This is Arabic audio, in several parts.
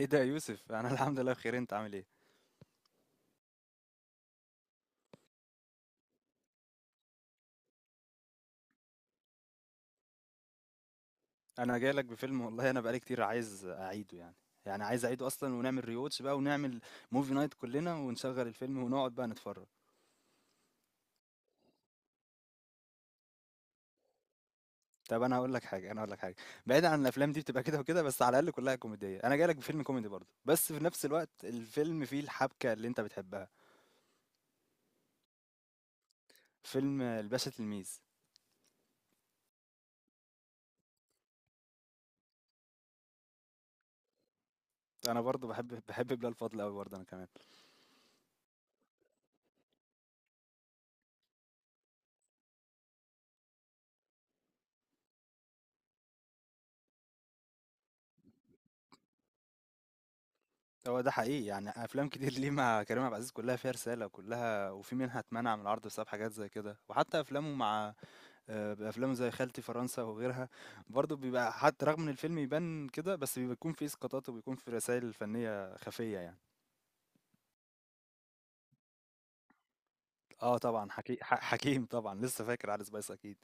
ايه ده يا يوسف انا الحمد لله بخير، انت عامل ايه؟ انا جاي لك بفيلم والله، انا بقالي كتير عايز اعيده يعني. يعني عايز اعيده اصلا ونعمل ريواتش بقى ونعمل موفي نايت كلنا ونشغل الفيلم ونقعد بقى نتفرج. طب انا هقول لك حاجه، بعيد عن الافلام دي بتبقى كده وكده، بس على الاقل كلها كوميديه. انا جاي لك بفيلم كوميدي برضه، بس في نفس الوقت الفيلم فيه الحبكه اللي انت بتحبها. فيلم الباشا تلميذ. انا برضه بحب بلال فضل قوي برضه انا كمان. هو ده حقيقي، يعني افلام كتير ليه مع كريم عبد العزيز كلها فيها رساله، وكلها وفي منها اتمنع من العرض بسبب حاجات زي كده. وحتى افلامه مع افلامه زي خالتي فرنسا وغيرها برضه بيبقى، حتى رغم ان الفيلم يبان كده بس بيكون فيه اسقاطات وبيكون فيه رسائل فنيه خفيه يعني. اه طبعا حكيم طبعا لسه فاكر علي سبايس اكيد.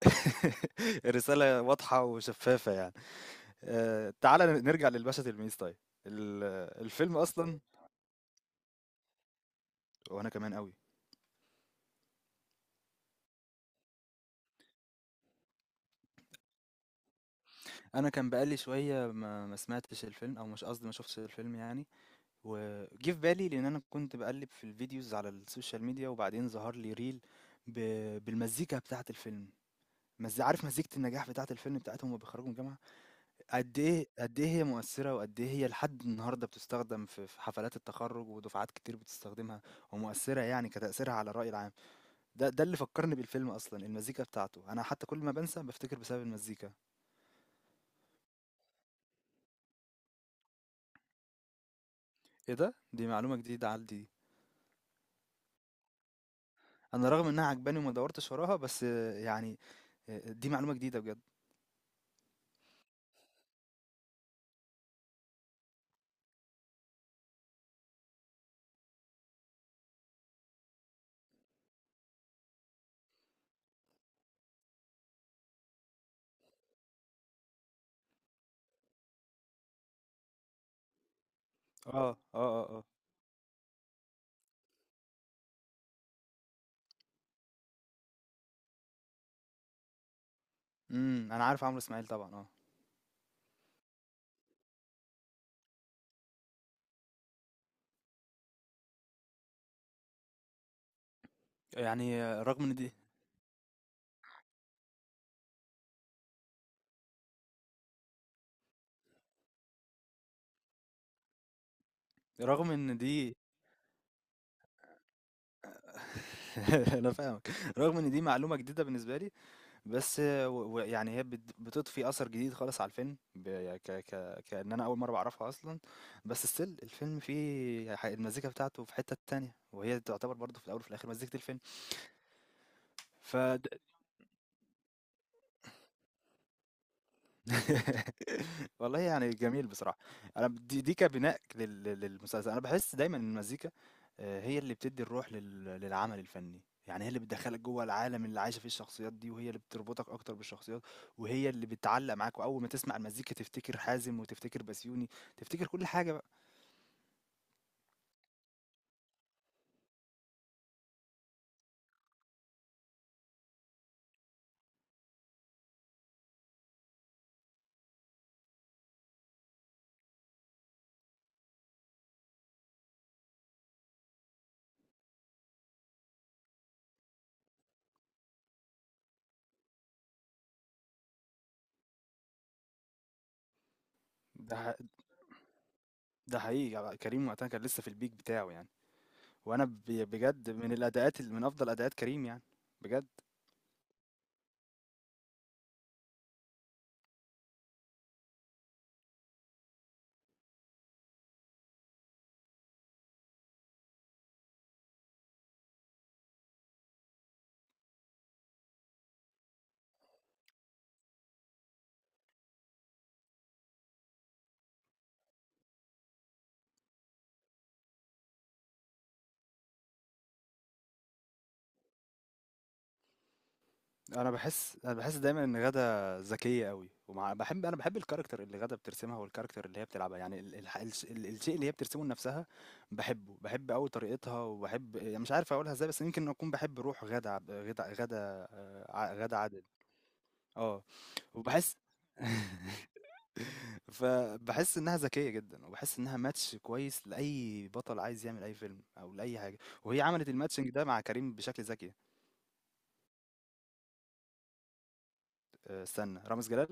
الرساله واضحه وشفافه يعني. تعالى نرجع للباشا تلميذ طيب. ال- الفيلم اصلا. وانا كمان قوي. انا كان بقالي شويه ما سمعتش الفيلم، او مش قصدي، ما شفتش الفيلم يعني. وجه في بالي لان انا كنت بقلب في الفيديوز على السوشيال ميديا، وبعدين ظهر لي ريل ب... بالمزيكا بتاعه الفيلم. عارف مزيكه النجاح بتاعه الفيلم بتاعتهم وهما بيخرجوا من الجامعه؟ قد ايه هي مؤثره، وقد ايه هي لحد النهارده بتستخدم في حفلات التخرج، ودفعات كتير بتستخدمها ومؤثره، يعني كتاثيرها على الراي العام. ده اللي فكرني بالفيلم اصلا، المزيكا بتاعته. انا حتى كل ما بنسى بفتكر بسبب المزيكا. ايه ده، دي معلومه جديده عندي. انا رغم انها عجباني وما دورتش وراها، بس يعني، دي معلومة جديدة بجد. اه. انا عارف عمرو اسماعيل طبعا، اه. يعني رغم ان دي، رغم ان دي انا فاهمك. رغم ان دي معلومة جديدة بالنسبة لي، بس يعني هي بتضفي اثر جديد خالص على الفيلم، يعني ك ك كأن انا اول مرة بعرفها اصلا. بس ستيل الفيلم فيه المزيكا بتاعته في حتة تانية، وهي تعتبر برضه في الاول وفي الاخر مزيكة الفيلم. والله يعني جميل بصراحة. أنا دي كبناء للمسلسل، أنا باحس دايمًا إن المزيكا هي اللي بتدّي الروح للعمل الفني، يعني هي اللي بتدخّلك جوّه العالم اللي عايشة فيه الشخصيات دي، وهي اللي بتربطك أكتر بالشخصيات، وهي اللي بتعلّق معاك، وأول ما تسمع المزيكا تفتكر حازم، وتفتكر بسيوني، تفتكر كل حاجة بقى. ده ح ده حقيقي بقى، كريم وقتها كان لسه في الpeak بتاعه يعني، وأنا بجد من الأداءات من أفضل أداءات كريم يعني، بجد. انا باحس دايما ان غادة ذكية قوي، ومع بحب انا بحب الكاركتر اللي غادة بترسمها، والكاركتر اللي هي بتلعبها، يعني الشيء اللي هي بترسمه لنفسها بحبه، بحب قوي طريقتها، وبحب، يعني مش عارف اقولها ازاي، بس يمكن اكون بحب روح غادة عب- غادة غادة آه، ع- غادة عادل. اه وبحس فبحس انها ذكيه جدا، وبحس انها ماتش كويس لاي بطل عايز يعمل اي فيلم او لاي حاجه، وهي عملت الماتشنج ده مع كريم بشكل ذكي. أه، استنى، رامز جلال.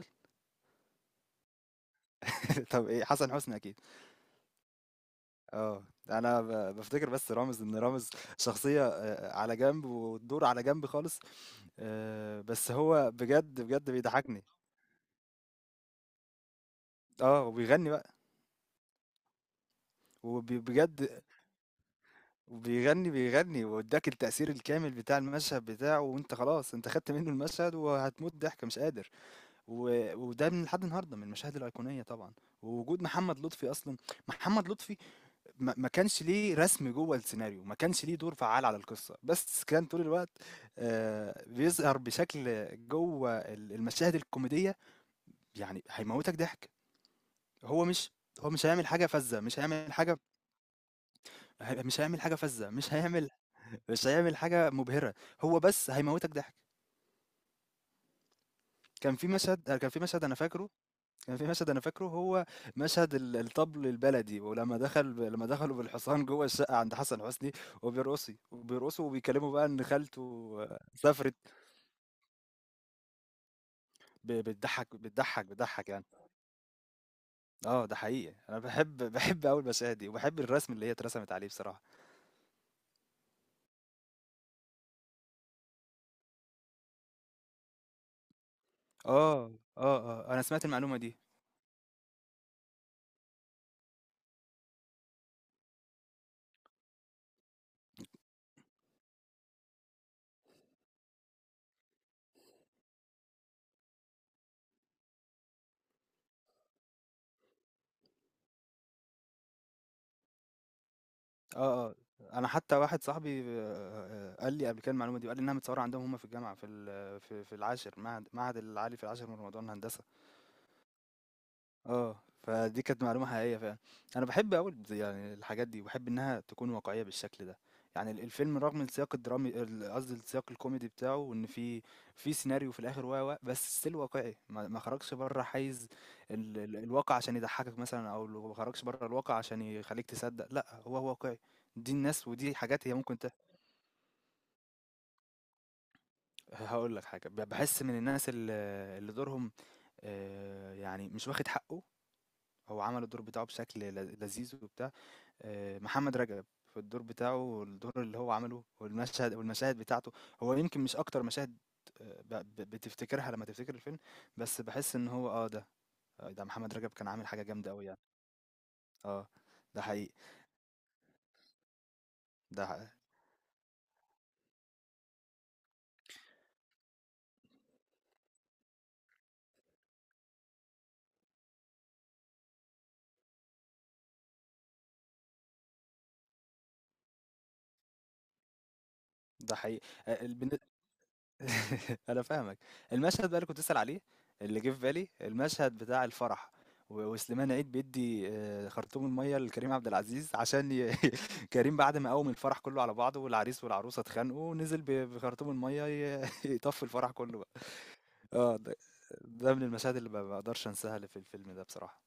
طب ايه، حسن حسني اكيد. آه، أنا بافتكر بس رامز، إن رامز شخصية على جنب، والدور على جنب خالص، بس هو بجد، بجد بيضحّكني. آه، وبيغنّي بقى، بجد، وبيغنّي، بيغنّي وادّاك التأثير الكامل بتاع المشهد بتاعه، وأنت خلاص، أنت خدت منّه المشهد وهتموت ضحك مش قادر، وده من لحد النهارده من المشاهد الأيقونية طبعًا. ووجود محمد لطفي أصلًا، محمد لطفي ما كانش ليه رسم جوّه السيناريو، ما كانش ليه دور فعّال على القصة، بس كان طول الوقت بيظهر بشكل جوّه المشاهد الكوميدية، يعني هيموّتك ضحك، هو مش هو مش هيعمل حاجة فَذّة، مش هيعمل حاجة، مش هيعمل حاجة فَذّة، مش هيعمل مش هيعمل حاجة مُبهرة، هو بس هيموّتك ضحك. كان في مشهد أنا فاكره، كان في مشهد انا فاكره هو مشهد الطبل البلدي، ولما دخل لما دخلوا بالحصان جوه الشقه عند حسن حسني وبيرقصي، وبيرقصوا وبيكلموا بقى ان خالته آه، سافرت. بتضحك يعني. اه ده حقيقي، انا بحب قوي المشاهد دي، وبحب الرسم اللي هي اترسمت عليه بصراحه. اه اه انا سمعت المعلومه دي. اه اه انا حتى واحد صاحبي قال لي قبل كده المعلومه دي، وقال لي انها متصوره عندهم هم في الجامعه، في في العاشر، معهد العالي في العاشر من رمضان هندسه. آه، فدي كانت معلومة حقيقية فعلًا. أنا باحب أوي البز، يعني الحاجات دي، وباحب إنها تكون واقعية بالشكل ده. يعني الفيلم رغم السياق الدرامي قصدي السياق الكوميدي بتاعه، وإن في في سيناريو في الآخر و، و، بس still واقعي، ما خرجش برّه حيز ال ال الواقع عشان يضحّكك مثلًا، أو ما خرجش برّه الواقع عشان يخلّيك تصدّق، لأ، هو واقعي. دي الناس ودي حاجات هي ممكن هاقول لك حاجة، باحس من الناس اللي دورهم يعني مش واخد حقّه، هو عمل الدور بتاعه بشكل لذيذ وبتاع، آه، محمد رجب في الدور بتاعه، والدور اللي هو عمله، والمشهد والمشاهد بتاعته، هو يمكن مش اكتر مشاهد بتفتكرها لما تفتكر الفيلم، بس بحس ان هو اه ده، آه، ده محمد رجب كان عامل حاجة جامدة قوي يعني. اه ده حقيقي. ده ح- ده حقيقي. آه، أنا فاهمك. المشهد بقى اللي كنت بتسأل عليه، اللي جه في بالي، المشهد بتاع الفرح، وسليمان عيد بيدّي خرطوم المَيّة لكريم عبد العزيز عشان كريم بعد ما قوّم الفرح كُلّه على بعضه، والعريس والعروسة اتخانقوا، نزل بخرطوم المَيّة يطفّي الفرح كُلّه بقى. آه، ده من المشاهد اللي ما باقدرش أنساها اللي في الفيلم ده بصراحة.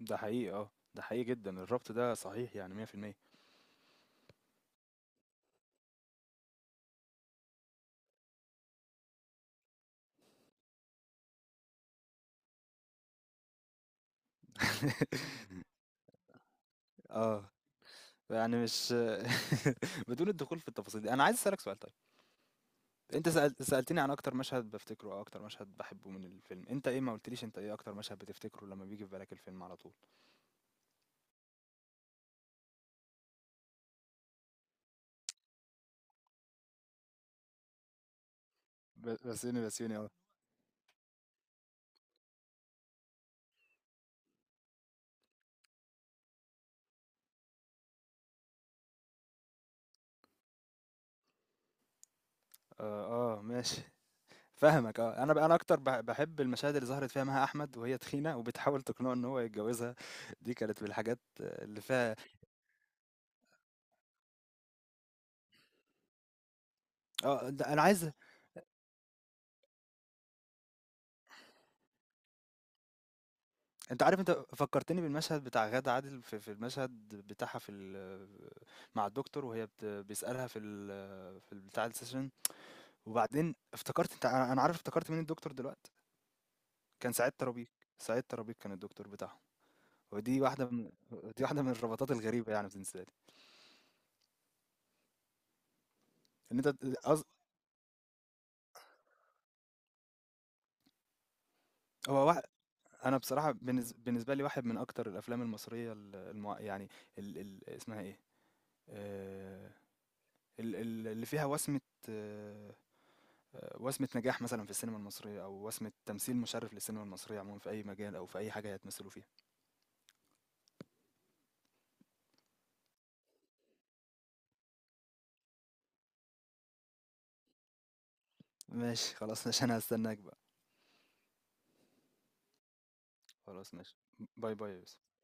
ده حقيقي، آه، ده حقيقي جدًا، الربط ده صحيح يعني 100%. آه، يعني مش بدون الدخول في التفاصيل دي، أنا عايز أسألك سؤال طيب. انت سألتني عن اكتر مشهد بفتكره، او اكتر مشهد بحبه من الفيلم، انت ايه؟ ما قلتليش انت ايه اكتر مشهد بتفتكره لما بيجي في بالك الفيلم على طول؟ بسيوني اه. اه ماشي. فاهمك اه. انا بقى انا اكتر بحب المشاهد اللي ظهرت فيها مها احمد، وهي تخينه وبتحاول تقنعه ان هو يتجوزها. دي كانت من الحاجات اللي فيها. اه ده انا عايز، انت عارف انت فكرتني بالمشهد بتاع غادة عادل في، في المشهد بتاعها في مع الدكتور، وهي بيسألها في بتاع السيشن، وبعدين افتكرت انت، انا أنا عارف، افتكرت مين الدكتور دلوقتي، كان سعيد ترابيك. سعيد ترابيك كان الدكتور بتاعهم. ودي واحده من، دي واحده من الرباطات الغريبه يعني بالنسبه لي. ان انت أز... هو واحد، انا بصراحه بالنسبه لي واحد من اكتر الافلام المصريه يعني اسمها ايه، آه، اللي فيها وسمه، آه، وسمه نجاح مثلا في السينما المصريه، او وسمه تمثيل مشرف للسينما المصريه عموما في اي مجال او في اي حاجه هيتمثلوا فيها. ماشي خلاص، ماشي انا هستناك بقى. خلاص ماشي. باي باي يا يوسف.